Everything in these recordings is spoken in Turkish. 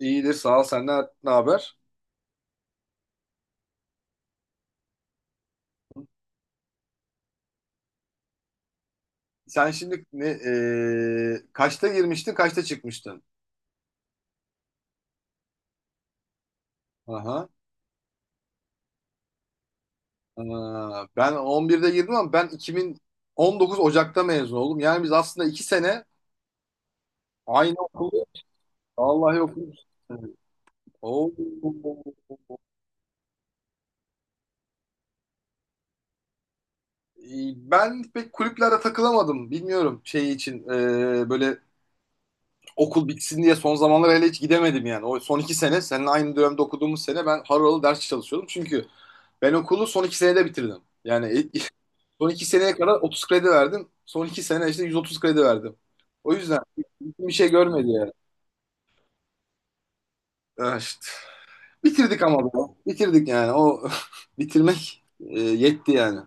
İyidir sağ ol. Senden ne haber? Sen şimdi kaçta girmiştin, kaçta çıkmıştın? Aha. Aa, ben 11'de girdim ama ben 2019 Ocak'ta mezun oldum. Yani biz aslında 2 sene aynı okulu vallahi okumuşuz. Oo. Ben pek kulüplere takılamadım. Bilmiyorum şey için böyle okul bitsin diye son zamanlar hele hiç gidemedim yani. O son iki sene seninle aynı dönemde okuduğumuz sene ben harıl harıl ders çalışıyordum. Çünkü ben okulu son iki senede bitirdim. Yani son iki seneye kadar 30 kredi verdim. Son iki sene işte 130 kredi verdim. O yüzden bir şey görmedi yani. Ah işte. Bitirdik ama bu. Bitirdik yani. O bitirmek yetti yani.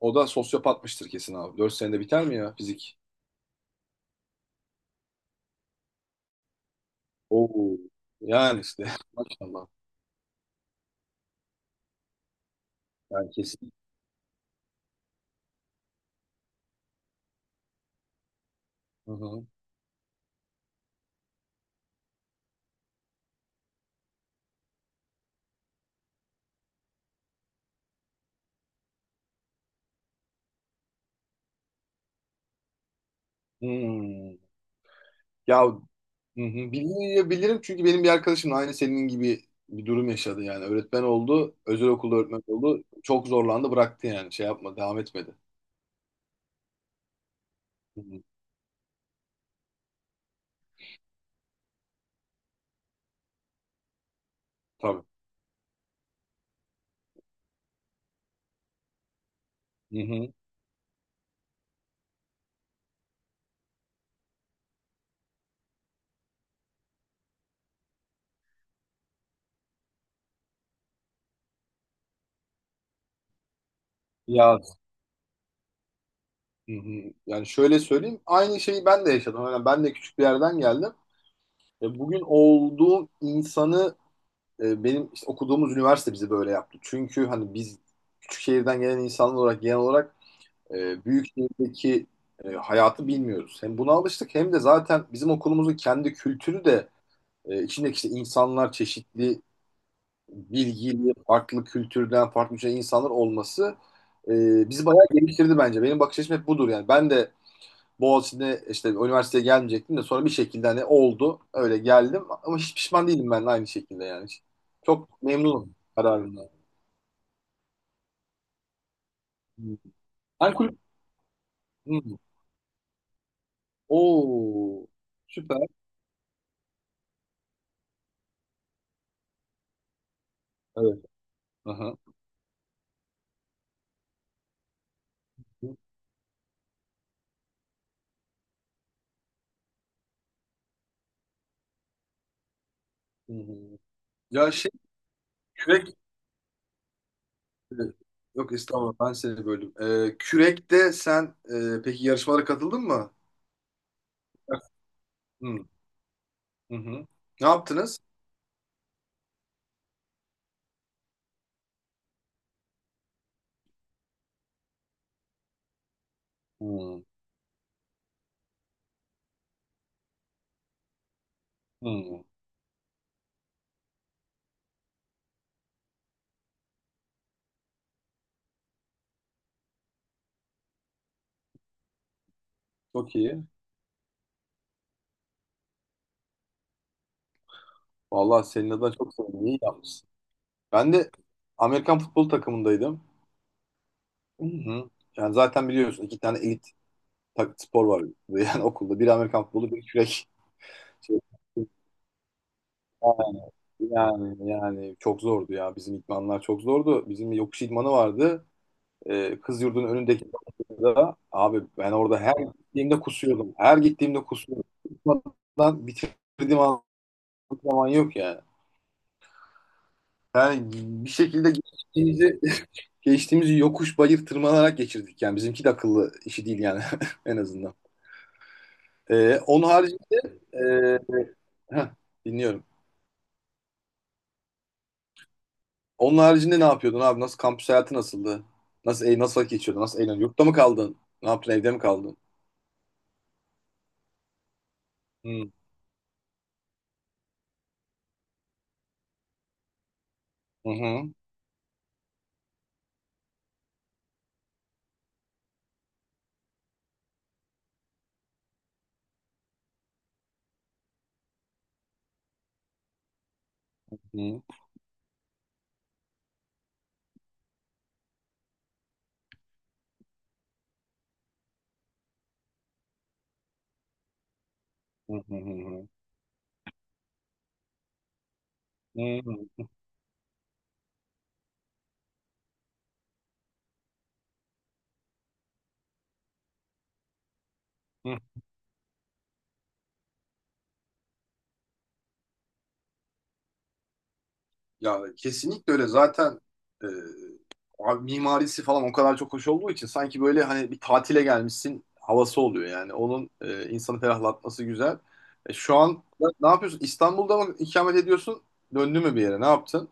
O da sosyopatmıştır kesin abi. 4 senede biter mi ya fizik? Oo. Yani işte. Maşallah. Yani kesin. Hı hı. Hmm. Ya. Hı hı. Bilgiyi bilirim çünkü benim bir arkadaşım aynı senin gibi bir durum yaşadı yani. Öğretmen oldu, özel okulda öğretmen oldu. Çok zorlandı, bıraktı yani. Şey yapma, devam etmedi. Hı hı. Tabii. Hı hı. Ya. Hı hı. Yani şöyle söyleyeyim, aynı şeyi ben de yaşadım. Yani ben de küçük bir yerden geldim. Bugün olduğum insanı, benim işte okuduğumuz üniversite bizi böyle yaptı. Çünkü hani biz küçük şehirden gelen insanlar olarak genel olarak büyük şehirdeki hayatı bilmiyoruz. Hem buna alıştık hem de zaten bizim okulumuzun kendi kültürü de içindeki işte insanlar çeşitli bilgili, farklı kültürden, farklı şey insanlar olması bizi bayağı geliştirdi bence. Benim bakış açım hep budur yani. Ben de Boğaziçi'ne işte üniversiteye gelmeyecektim de sonra bir şekilde hani oldu. Öyle geldim ama hiç pişman değilim ben de aynı şekilde yani. Çok memnunum kararımdan. Hmm. Sen kulüp... Hmm. Oo, süper. Evet. Aha. Hı hı. Ya şey kürek e, yok estağfurullah ben seni böldüm. Kürekte sen peki yarışmalara katıldın mı? Hı hı. Hı. Ne yaptınız? Hı hı. Çok iyi. Vallahi senin adına çok sevindim. İyi yapmışsın. Ben de Amerikan futbol takımındaydım. Hı hı. Yani zaten biliyorsun iki tane elit spor var burada. Yani okulda. Biri Amerikan futbolu, biri kürek. Şey, yani çok zordu ya. Bizim idmanlar çok zordu. Bizim yokuş idmanı vardı. Kız yurdunun önündeki da abi ben orada her gittiğimde kusuyordum. Her gittiğimde kusuyordum. Kusmadan bitirdiğim zaman yok yani. Yani bir şekilde geçtiğimizi, geçtiğimizi yokuş bayır tırmanarak geçirdik. Yani bizimki de akıllı işi değil yani en azından. Onun haricinde e, heh, dinliyorum. Onun haricinde ne yapıyordun abi? Nasıl kampüs hayatı nasıldı? Nasıl vakit geçiyordun? Nasıl eğleniyordun? Yurtta mı kaldın? Ne yaptın? Evde mi kaldın? Hı hı hı hı hı hı hı hı. Ya kesinlikle öyle. Zaten e, abi mimarisi falan o kadar çok hoş olduğu için sanki böyle hani bir tatile gelmişsin havası oluyor yani. Onun insanı ferahlatması güzel. Şu an ne yapıyorsun? İstanbul'da mı ikamet ediyorsun? Döndün mü bir yere? Ne yaptın?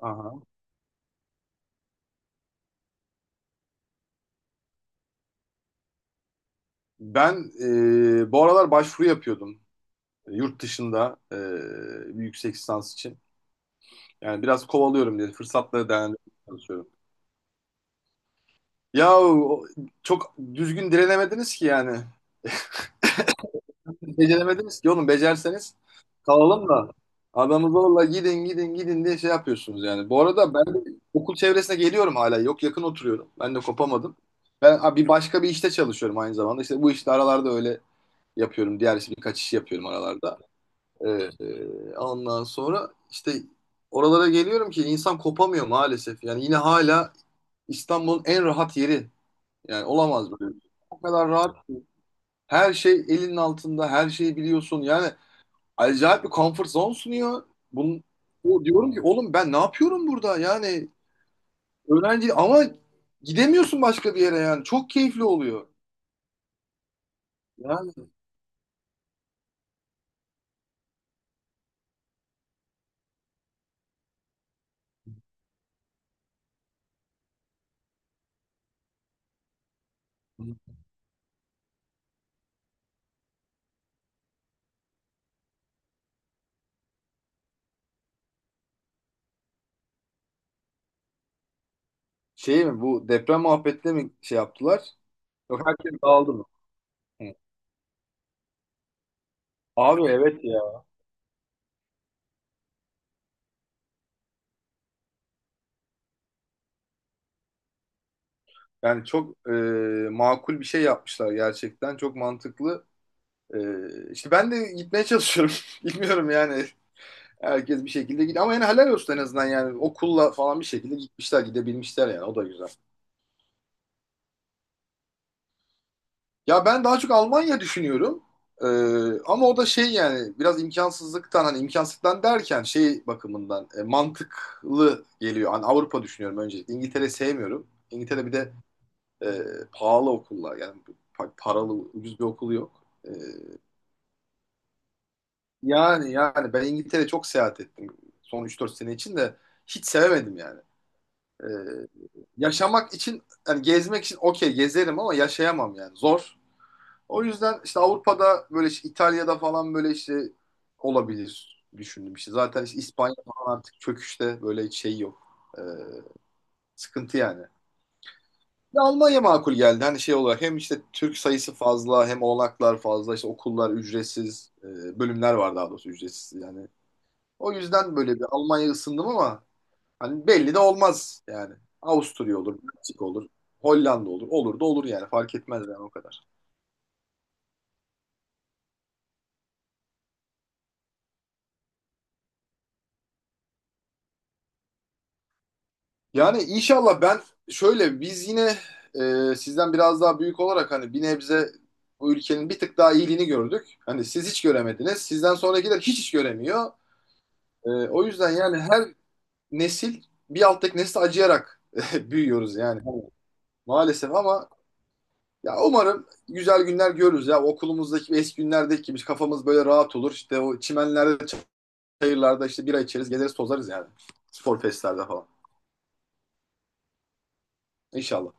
Aha. Ben bu aralar başvuru yapıyordum yurt dışında bir yüksek lisans için. Yani biraz kovalıyorum diye fırsatları değerlendirmeye çalışıyorum. Ya çok düzgün direnemediniz ki yani. Beceremediniz ki oğlum. Becerseniz kalalım da. Adamı zorla gidin gidin gidin diye şey yapıyorsunuz yani. Bu arada ben de okul çevresine geliyorum hala. Yok yakın oturuyorum. Ben de kopamadım. Ben bir başka bir işte çalışıyorum aynı zamanda. İşte bu işte aralarda öyle yapıyorum. Diğer iş, birkaç iş yapıyorum aralarda. Ee, ondan sonra işte oralara geliyorum ki insan kopamıyor maalesef. Yani yine hala İstanbul'un en rahat yeri. Yani olamaz böyle. O kadar rahat. Her şey elinin altında. Her şeyi biliyorsun. Yani acayip bir comfort zone sunuyor. Bunun, o diyorum ki oğlum ben ne yapıyorum burada? Yani öğrenci ama gidemiyorsun başka bir yere yani. Çok keyifli oluyor. Yani şey mi bu deprem muhabbetle mi şey yaptılar? Yok herkes dağıldı mı? Hı. Abi evet ya. Yani çok makul bir şey yapmışlar gerçekten. Çok mantıklı. E, işte ben de gitmeye çalışıyorum. Bilmiyorum yani. Herkes bir şekilde gidiyor. Ama yani helal olsun en azından yani. Okulla falan bir şekilde gitmişler, gidebilmişler yani. O da güzel. Ya ben daha çok Almanya düşünüyorum. Ee, Ama o da şey yani biraz imkansızlıktan hani imkansızlıktan derken şey bakımından mantıklı geliyor. Hani Avrupa düşünüyorum öncelikle. İngiltere sevmiyorum. İngiltere bir de e, pahalı okullar yani paralı ucuz bir okul yok. Ee, yani ben İngiltere çok seyahat ettim son üç dört sene için de hiç sevemedim yani. Ee, Yaşamak için yani gezmek için okey gezerim ama yaşayamam yani zor. O yüzden işte Avrupa'da böyle işte İtalya'da falan böyle işte olabilir düşündüm işte. Zaten işte İspanya falan artık çöküşte böyle hiç şey yok. Ee, Sıkıntı yani. Ya Almanya makul geldi. Hani şey olarak hem işte Türk sayısı fazla hem olanaklar fazla işte okullar ücretsiz bölümler var daha doğrusu ücretsiz yani. O yüzden böyle bir Almanya ısındım ama hani belli de olmaz yani. Avusturya olur, Meksika olur, Hollanda olur. Olur da olur yani fark etmez yani o kadar. Yani inşallah ben şöyle biz yine sizden biraz daha büyük olarak hani bir nebze bu ülkenin bir tık daha iyiliğini gördük. Hani siz hiç göremediniz. Sizden sonrakiler hiç hiç göremiyor. O yüzden yani her nesil bir alttaki nesle acıyarak büyüyoruz yani maalesef ama ya umarım güzel günler görürüz ya okulumuzdaki eski günlerdeki gibi kafamız böyle rahat olur. İşte o çimenlerde, çayırlarda işte bira içeriz, gezeriz, tozarız yani. Spor festlerde falan. İnşallah.